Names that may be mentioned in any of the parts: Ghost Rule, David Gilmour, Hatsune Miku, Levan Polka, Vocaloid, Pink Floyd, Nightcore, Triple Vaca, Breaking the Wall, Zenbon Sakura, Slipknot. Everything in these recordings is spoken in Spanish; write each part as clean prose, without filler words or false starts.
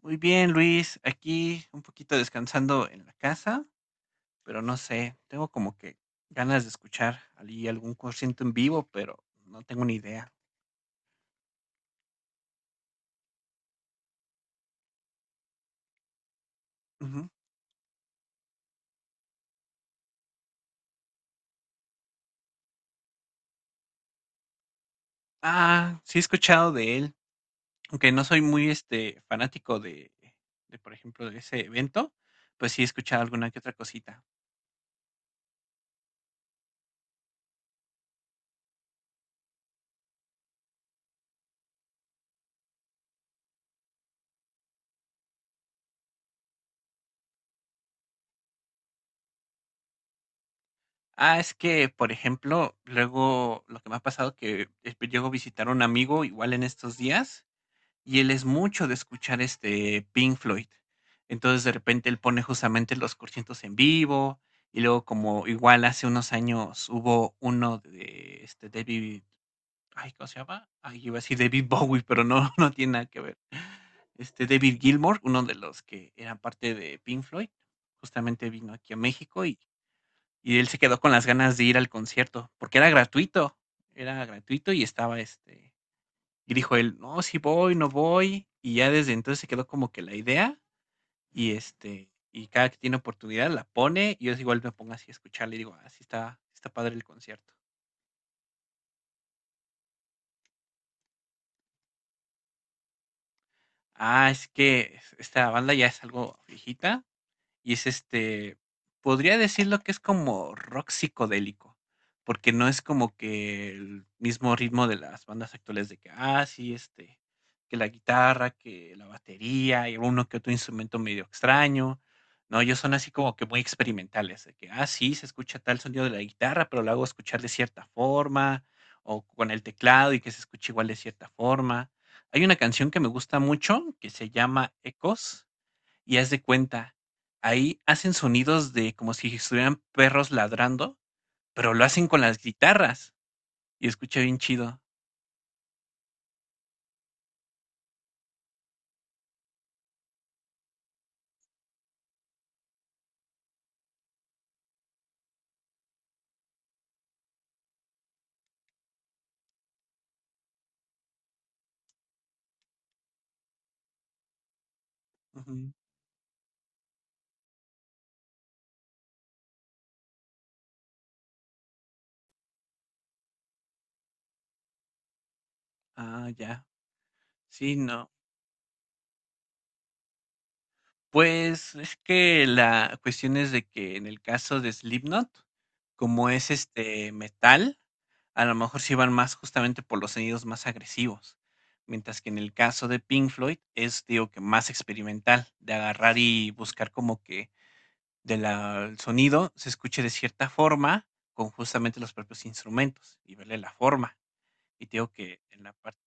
Muy bien, Luis. Aquí un poquito descansando en la casa, pero no sé, tengo como que ganas de escuchar allí algún concierto en vivo, pero no tengo ni idea. Ujú. Ah, sí he escuchado de él, aunque no soy muy fanático de, por ejemplo, de ese evento, pues sí he escuchado alguna que otra cosita. Ah, es que, por ejemplo, luego lo que me ha pasado que llego a visitar a un amigo igual en estos días. Y él es mucho de escuchar, Pink Floyd. Entonces, de repente, él pone justamente los conciertos en vivo, y luego como igual hace unos años hubo uno de, David, ay, ¿cómo se llama? Ay, iba a decir David Bowie, pero no, no tiene nada que ver. David Gilmour, uno de los que eran parte de Pink Floyd, justamente vino aquí a México, y él se quedó con las ganas de ir al concierto, porque era gratuito, era gratuito, y estaba, este y dijo él: "No, sí voy, no voy". Y ya desde entonces se quedó como que la idea, y cada que tiene oportunidad la pone, y yo igual me pongo así a escucharle y digo: "Ah, sí está padre el concierto". Ah, es que esta banda ya es algo viejita. Y es este, Podría decirlo que es como rock psicodélico, porque no es como que el mismo ritmo de las bandas actuales de que, ah, sí, que la guitarra, que la batería y uno que otro instrumento medio extraño. No, ellos son así como que muy experimentales, de que, ah, sí, se escucha tal sonido de la guitarra, pero lo hago escuchar de cierta forma, o con el teclado y que se escuche igual de cierta forma. Hay una canción que me gusta mucho que se llama Ecos, y haz de cuenta, ahí hacen sonidos de como si estuvieran perros ladrando, pero lo hacen con las guitarras y escucha bien chido. Ujú. Ah, ya. Sí, no. Pues es que la cuestión es de que en el caso de Slipknot, como es este metal, a lo mejor sí van más justamente por los sonidos más agresivos. Mientras que en el caso de Pink Floyd es, digo, que más experimental, de agarrar y buscar como que de la el sonido se escuche de cierta forma con justamente los propios instrumentos y verle la forma. Y te digo que en la parte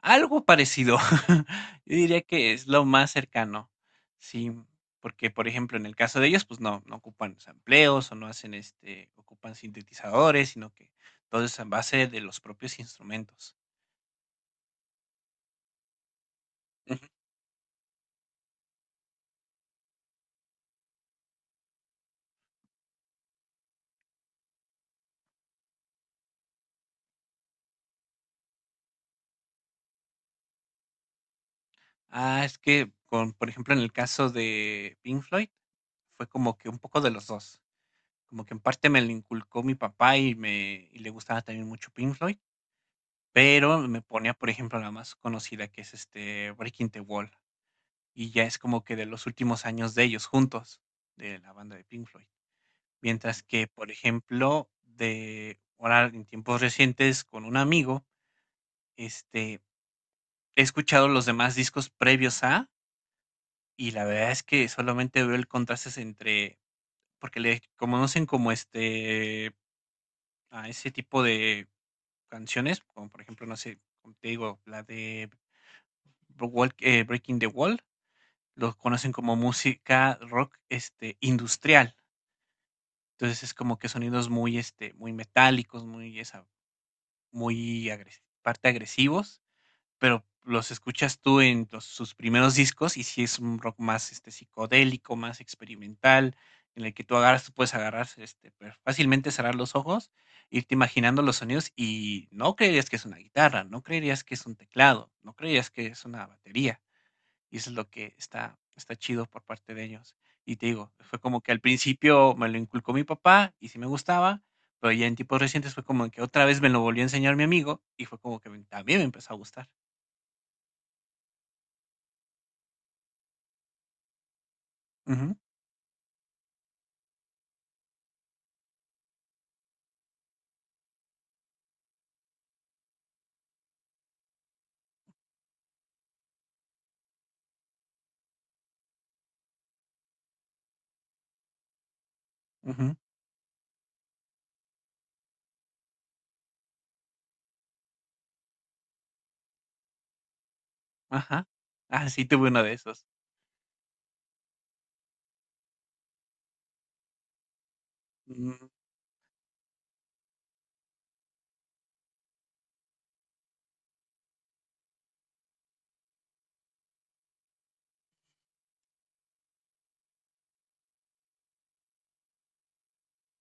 algo parecido. Yo diría que es lo más cercano. Sí, porque por ejemplo, en el caso de ellos pues no ocupan sampleos o no hacen ocupan sintetizadores, sino que todo es a base de los propios instrumentos. Ujú. Ah, es que con por ejemplo, en el caso de Pink Floyd, fue como que un poco de los dos. Como que en parte me lo inculcó mi papá y le gustaba también mucho Pink Floyd, pero me ponía, por ejemplo, la más conocida que es, Breaking the Wall, y ya es como que de los últimos años de ellos juntos, de la banda de Pink Floyd. Mientras que, por ejemplo, de ahora en tiempos recientes con un amigo, este, he escuchado los demás discos previos a, y la verdad es que solamente veo el contraste entre, porque le conocen como, a ese tipo de canciones, como por ejemplo, no sé, como te digo, la de Breaking the Wall, los conocen como música rock, industrial. Entonces es como que sonidos muy, muy metálicos, muy, esa, parte agresivos. Pero los escuchas tú en los sus primeros discos y sí es un rock más, psicodélico, más experimental, en el que tú puedes agarrar, fácilmente cerrar los ojos, irte imaginando los sonidos y no creerías que es una guitarra, no creerías que es un teclado, no creerías que es una batería. Y eso es lo que está chido por parte de ellos. Y te digo, fue como que al principio me lo inculcó mi papá y sí me gustaba, pero ya en tipos recientes fue como que otra vez me lo volvió a enseñar mi amigo y fue como que también me empezó a gustar. Ujú. Ujú, ajá. Ah, sí, tuve uno de esos. Mm,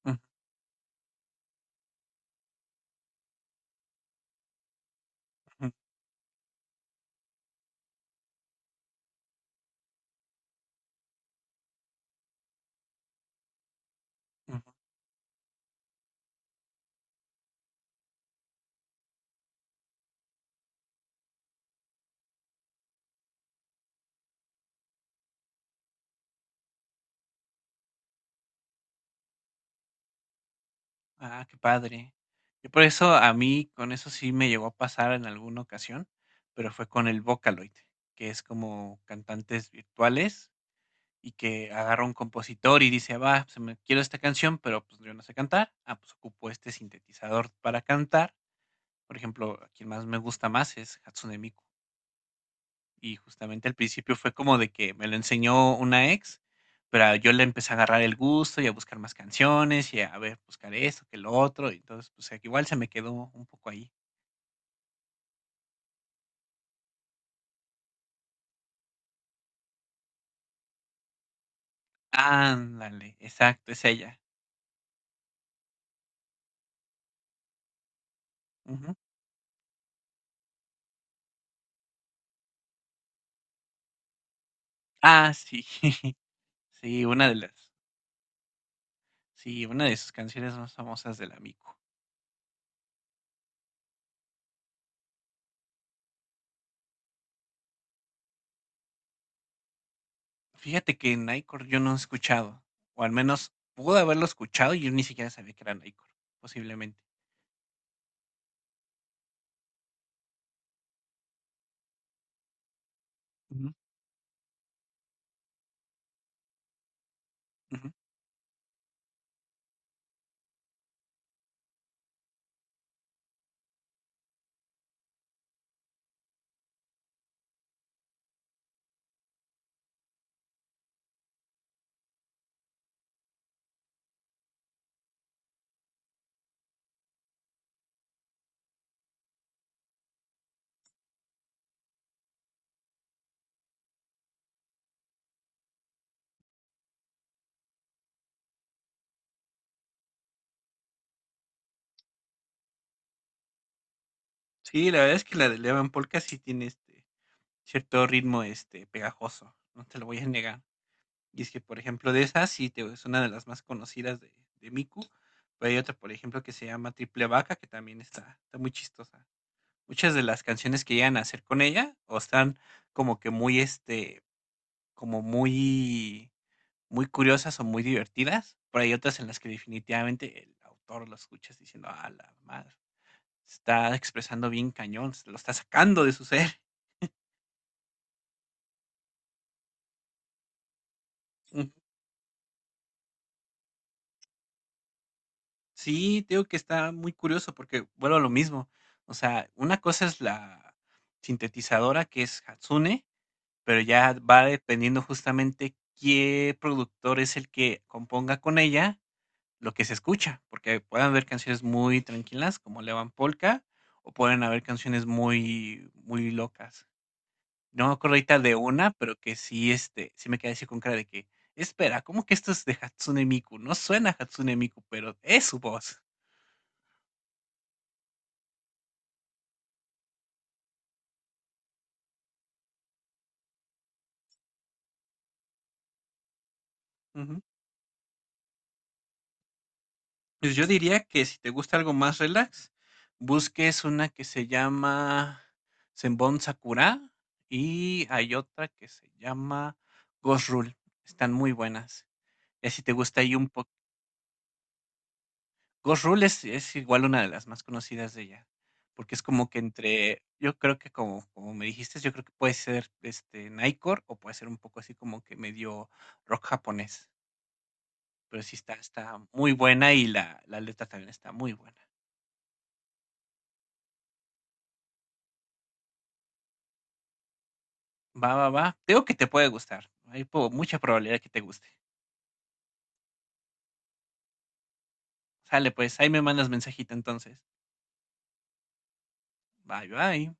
ujú, ujú, ujú. Ah, qué padre. Yo por eso a mí con eso sí me llegó a pasar en alguna ocasión, pero fue con el Vocaloid, que es como cantantes virtuales y que agarra un compositor y dice, va, se me quiero esta canción, pero pues yo no sé cantar. Ah, pues ocupo este sintetizador para cantar. Por ejemplo, a quien más me gusta más es Hatsune Miku. Y justamente al principio fue como de que me lo enseñó una ex, pero yo le empecé a agarrar el gusto y a buscar más canciones y a ver, buscar esto, que lo otro. Y entonces, pues aquí igual se me quedó un poco ahí. Ándale, exacto, es ella. Ujú. Ah, sí. Sí, sí, una de sus canciones más famosas del Amico. Fíjate que Nightcore yo no he escuchado, o al menos pude haberlo escuchado y yo ni siquiera sabía que era Nightcore, posiblemente. Ujú, ujú. Sí, la verdad es que la de Levan Polka sí tiene cierto ritmo, este, pegajoso, no te lo voy a negar. Y es que, por ejemplo, de esas sí te es una de las más conocidas de Miku, pero hay otra, por ejemplo, que se llama Triple Vaca, que también está muy chistosa. Muchas de las canciones que llegan a hacer con ella, o están como que muy, este, como muy muy curiosas o muy divertidas, pero hay otras en las que definitivamente el autor lo escuchas diciendo: "Ah, la madre, se está expresando bien cañón, se lo está sacando de su ser". Sí, te digo que está muy curioso porque vuelvo a lo mismo. O sea, una cosa es la sintetizadora que es Hatsune, pero ya va dependiendo justamente qué productor es el que componga con ella lo que se escucha, porque pueden haber canciones muy tranquilas como Levan Polka o pueden haber canciones muy muy locas. No me acuerdo ahorita de una, pero que sí me quedé así con cara de que, espera, ¿cómo que esto es de Hatsune Miku? No suena a Hatsune Miku, pero es su voz. Ujú. Pues yo diría que si te gusta algo más relax, busques una que se llama Zenbon Sakura y hay otra que se llama Ghost Rule. Están muy buenas. Ya si te gusta ahí un poco. Ghost Rule es igual una de las más conocidas de ella, porque es como que entre, yo creo que como me dijiste, yo creo que puede ser este Nightcore o puede ser un poco así como que medio rock japonés. Pero sí está muy buena y la letra también está muy buena. Va, va, va. Creo que te puede gustar. Hay mucha probabilidad que te guste. Sale, pues, ahí me mandas mensajito entonces. Bye, bye.